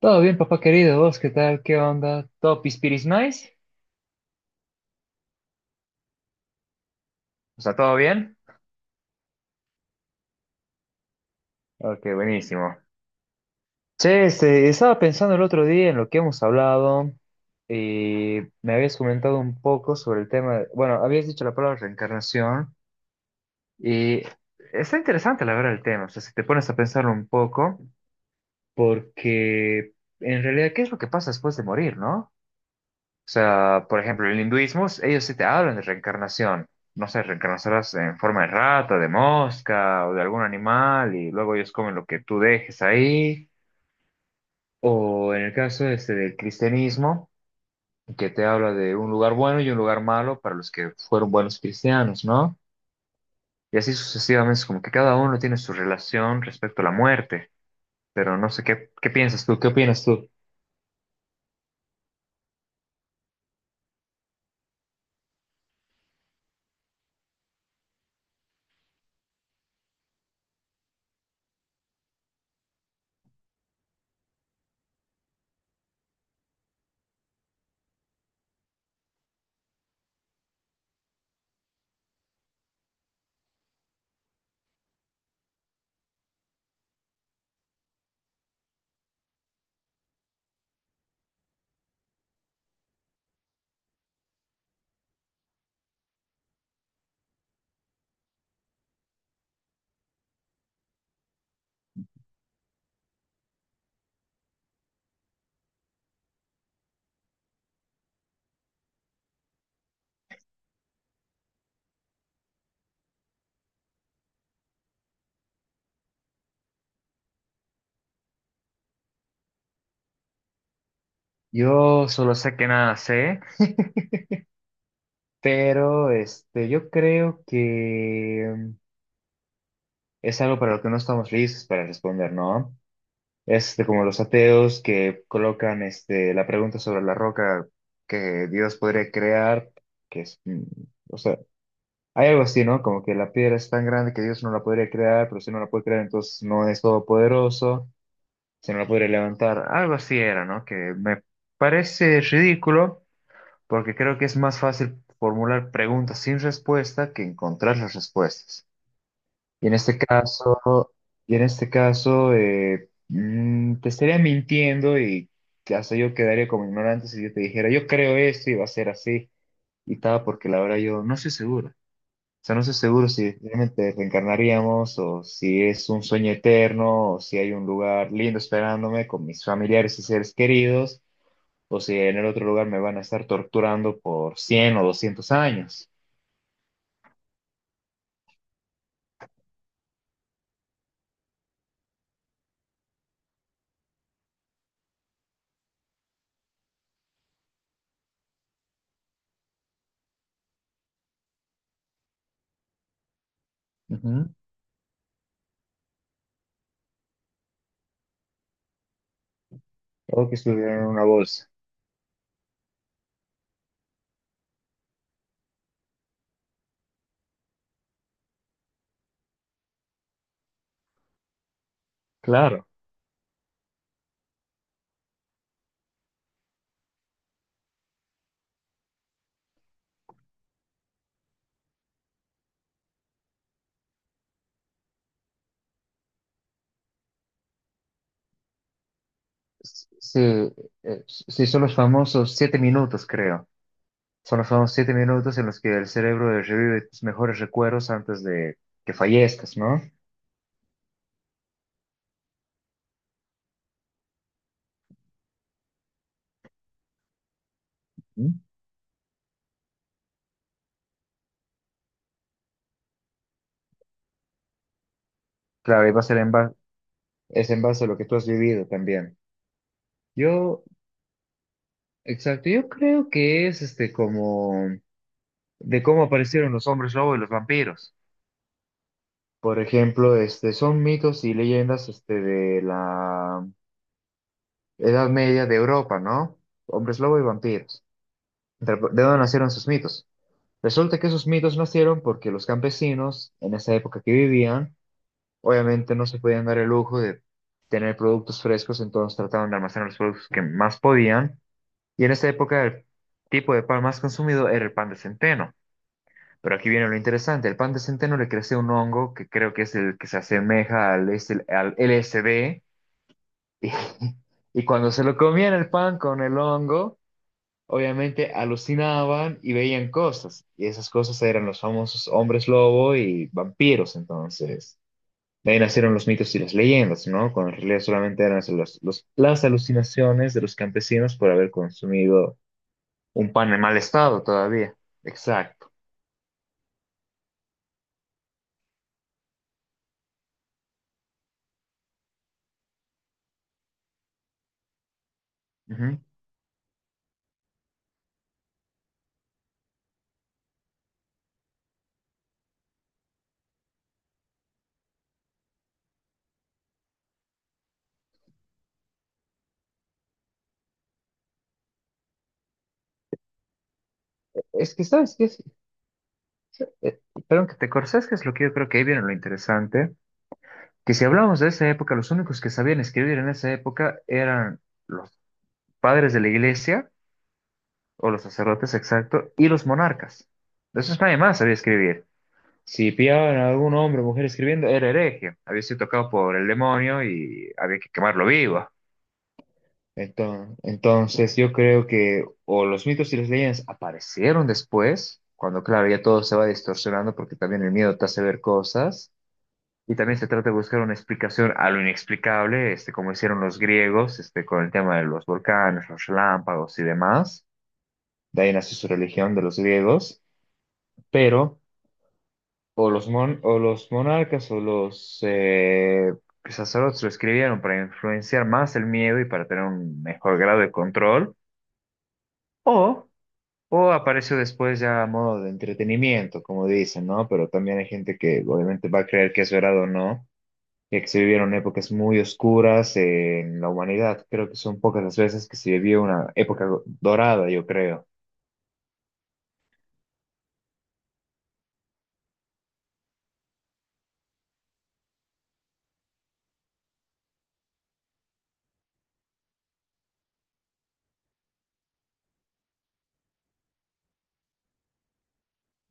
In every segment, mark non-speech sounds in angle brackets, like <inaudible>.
Todo bien, papá querido. ¿Vos qué tal? ¿Qué onda? ¿Todo pispiris nice? O sea, ¿todo bien? Ok, buenísimo. Che, estaba pensando el otro día en lo que hemos hablado y me habías comentado un poco sobre el tema. Bueno, habías dicho la palabra reencarnación y está interesante la verdad el tema. O sea, si te pones a pensarlo un poco, porque en realidad, ¿qué es lo que pasa después de morir, no? O sea, por ejemplo, el hinduismo, ellos sí te hablan de reencarnación. No sé, reencarnarás en forma de rata, de mosca o de algún animal y luego ellos comen lo que tú dejes ahí. O en el caso este del cristianismo, que te habla de un lugar bueno y un lugar malo para los que fueron buenos cristianos, ¿no? Y así sucesivamente, es como que cada uno tiene su relación respecto a la muerte. Pero no sé qué, qué piensas tú, qué opinas tú. Yo solo sé que nada sé, pero yo creo que es algo para lo que no estamos listos para responder, ¿no? Como los ateos que colocan la pregunta sobre la roca que Dios podría crear, que es, o sea, hay algo así, ¿no? Como que la piedra es tan grande que Dios no la podría crear, pero si no la puede crear, entonces no es todopoderoso, si no la podría levantar, algo así era, ¿no? Que me parece ridículo, porque creo que es más fácil formular preguntas sin respuesta que encontrar las respuestas. Y en este caso, y en este caso, te estaría mintiendo y hasta yo quedaría como ignorante si yo te dijera, yo creo esto y va a ser así y tal, porque la verdad yo no estoy seguro. O sea, no estoy seguro si realmente reencarnaríamos o si es un sueño eterno o si hay un lugar lindo esperándome con mis familiares y seres queridos o si en el otro lugar me van a estar torturando por 100 o 200 años. Ujú. O que estuviera en una bolsa. Claro. Sí, sí, son los famosos 7 minutos, creo. Son los famosos siete minutos en los que el cerebro revive tus mejores recuerdos antes de que fallezcas, ¿no? ¿Mm? Claro, y va a ser en es en base a lo que tú has vivido también. Yo, exacto, yo creo que es como de cómo aparecieron los hombres lobo y los vampiros. Por ejemplo, son mitos y leyendas de la Edad Media de Europa, ¿no? Hombres lobo y vampiros. ¿De dónde nacieron sus mitos? Resulta que esos mitos nacieron porque los campesinos, en esa época que vivían, obviamente no se podían dar el lujo de tener productos frescos, entonces trataban de almacenar los productos que más podían. Y en esa época el tipo de pan más consumido era el pan de centeno. Pero aquí viene lo interesante, el pan de centeno le crece un hongo que creo que es el que se asemeja al, al LSD. <laughs> Y, y cuando se lo comían el pan con el hongo, obviamente alucinaban y veían cosas, y esas cosas eran los famosos hombres lobo y vampiros, entonces. De ahí nacieron los mitos y las leyendas, ¿no? Cuando en realidad solamente eran los- las alucinaciones de los campesinos por haber consumido un pan en mal estado todavía. Exacto. Ujú. Es que, ¿sabes qué? Es? Eh, Perdón que te cortes, ¿sabes qué es lo que yo creo que ahí viene lo interesante? Que si hablamos de esa época, los únicos que sabían escribir en esa época eran los padres de la iglesia o los sacerdotes, exacto, y los monarcas. De esos nadie más sabía escribir. Si pillaban a algún hombre o mujer escribiendo, era hereje, había sido tocado por el demonio y había que quemarlo vivo. Entonces, yo creo que o los mitos y las leyendas aparecieron después, cuando claro, ya todo se va distorsionando porque también el miedo te hace ver cosas. Y también se trata de buscar una explicación a lo inexplicable, como hicieron los griegos, con el tema de los volcanes, los relámpagos y demás. De ahí nació su religión de los griegos. Pero o los monarcas o los sacerdotes lo escribieron para influenciar más el miedo y para tener un mejor grado de control, o, o apareció después ya a modo de entretenimiento, como dicen, ¿no? Pero también hay gente que obviamente va a creer que es verdad o no, ya que se vivieron épocas muy oscuras en la humanidad. Creo que son pocas las veces que se vivió una época dorada, yo creo.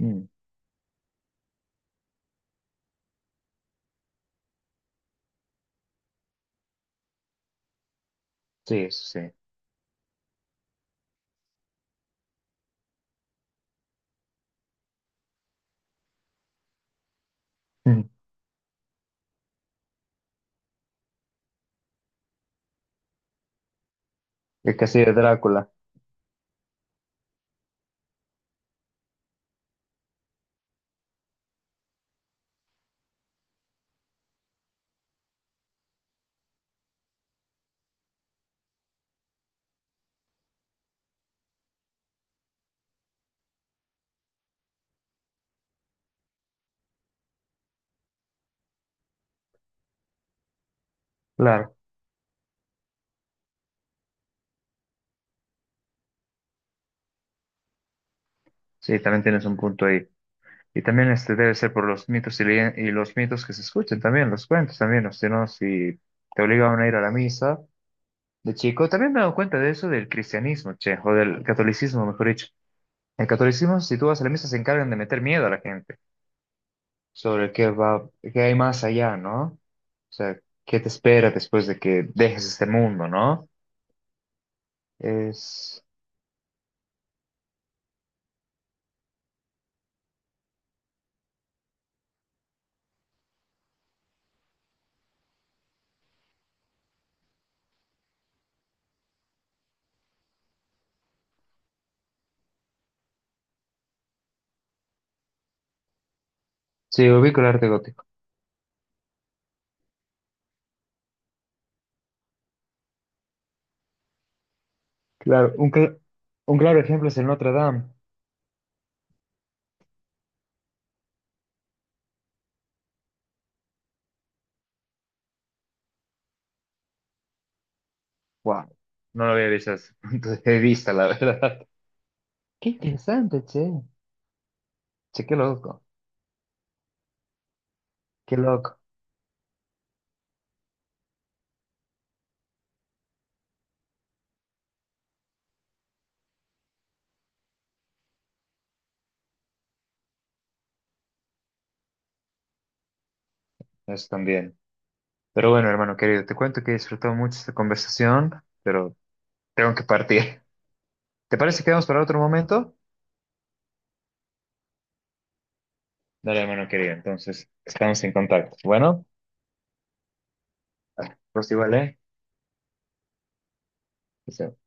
Mm, sí, eso sí. Mm, El castillo de Drácula, claro. Sí, también tienes un punto ahí. Y también debe ser por los mitos y, leyen- y los mitos que se escuchan también, los cuentos también, o sea, ¿no? Si te obligaban a ir a la misa de chico, también me he dado cuenta de eso del cristianismo, che, o del catolicismo, mejor dicho. El catolicismo, si tú vas a la misa, se encargan de meter miedo a la gente sobre qué va, qué hay más allá, ¿no? O sea, qué te espera después de que dejes este mundo, ¿no? Es, sí, ubico el arte gótico. Claro, un claro ejemplo es el Notre Dame. Wow, no lo había visto desde ese punto de vista, la <laughs> verdad. Qué interesante, che. Che, qué loco, qué loco. Eso también. Pero bueno, hermano querido, te cuento que he disfrutado mucho esta conversación, pero tengo que partir. <laughs> ¿Te parece que vamos para otro momento? Dale, hermano querido, entonces estamos en contacto. Bueno, pues igual, ¿eh? Chao.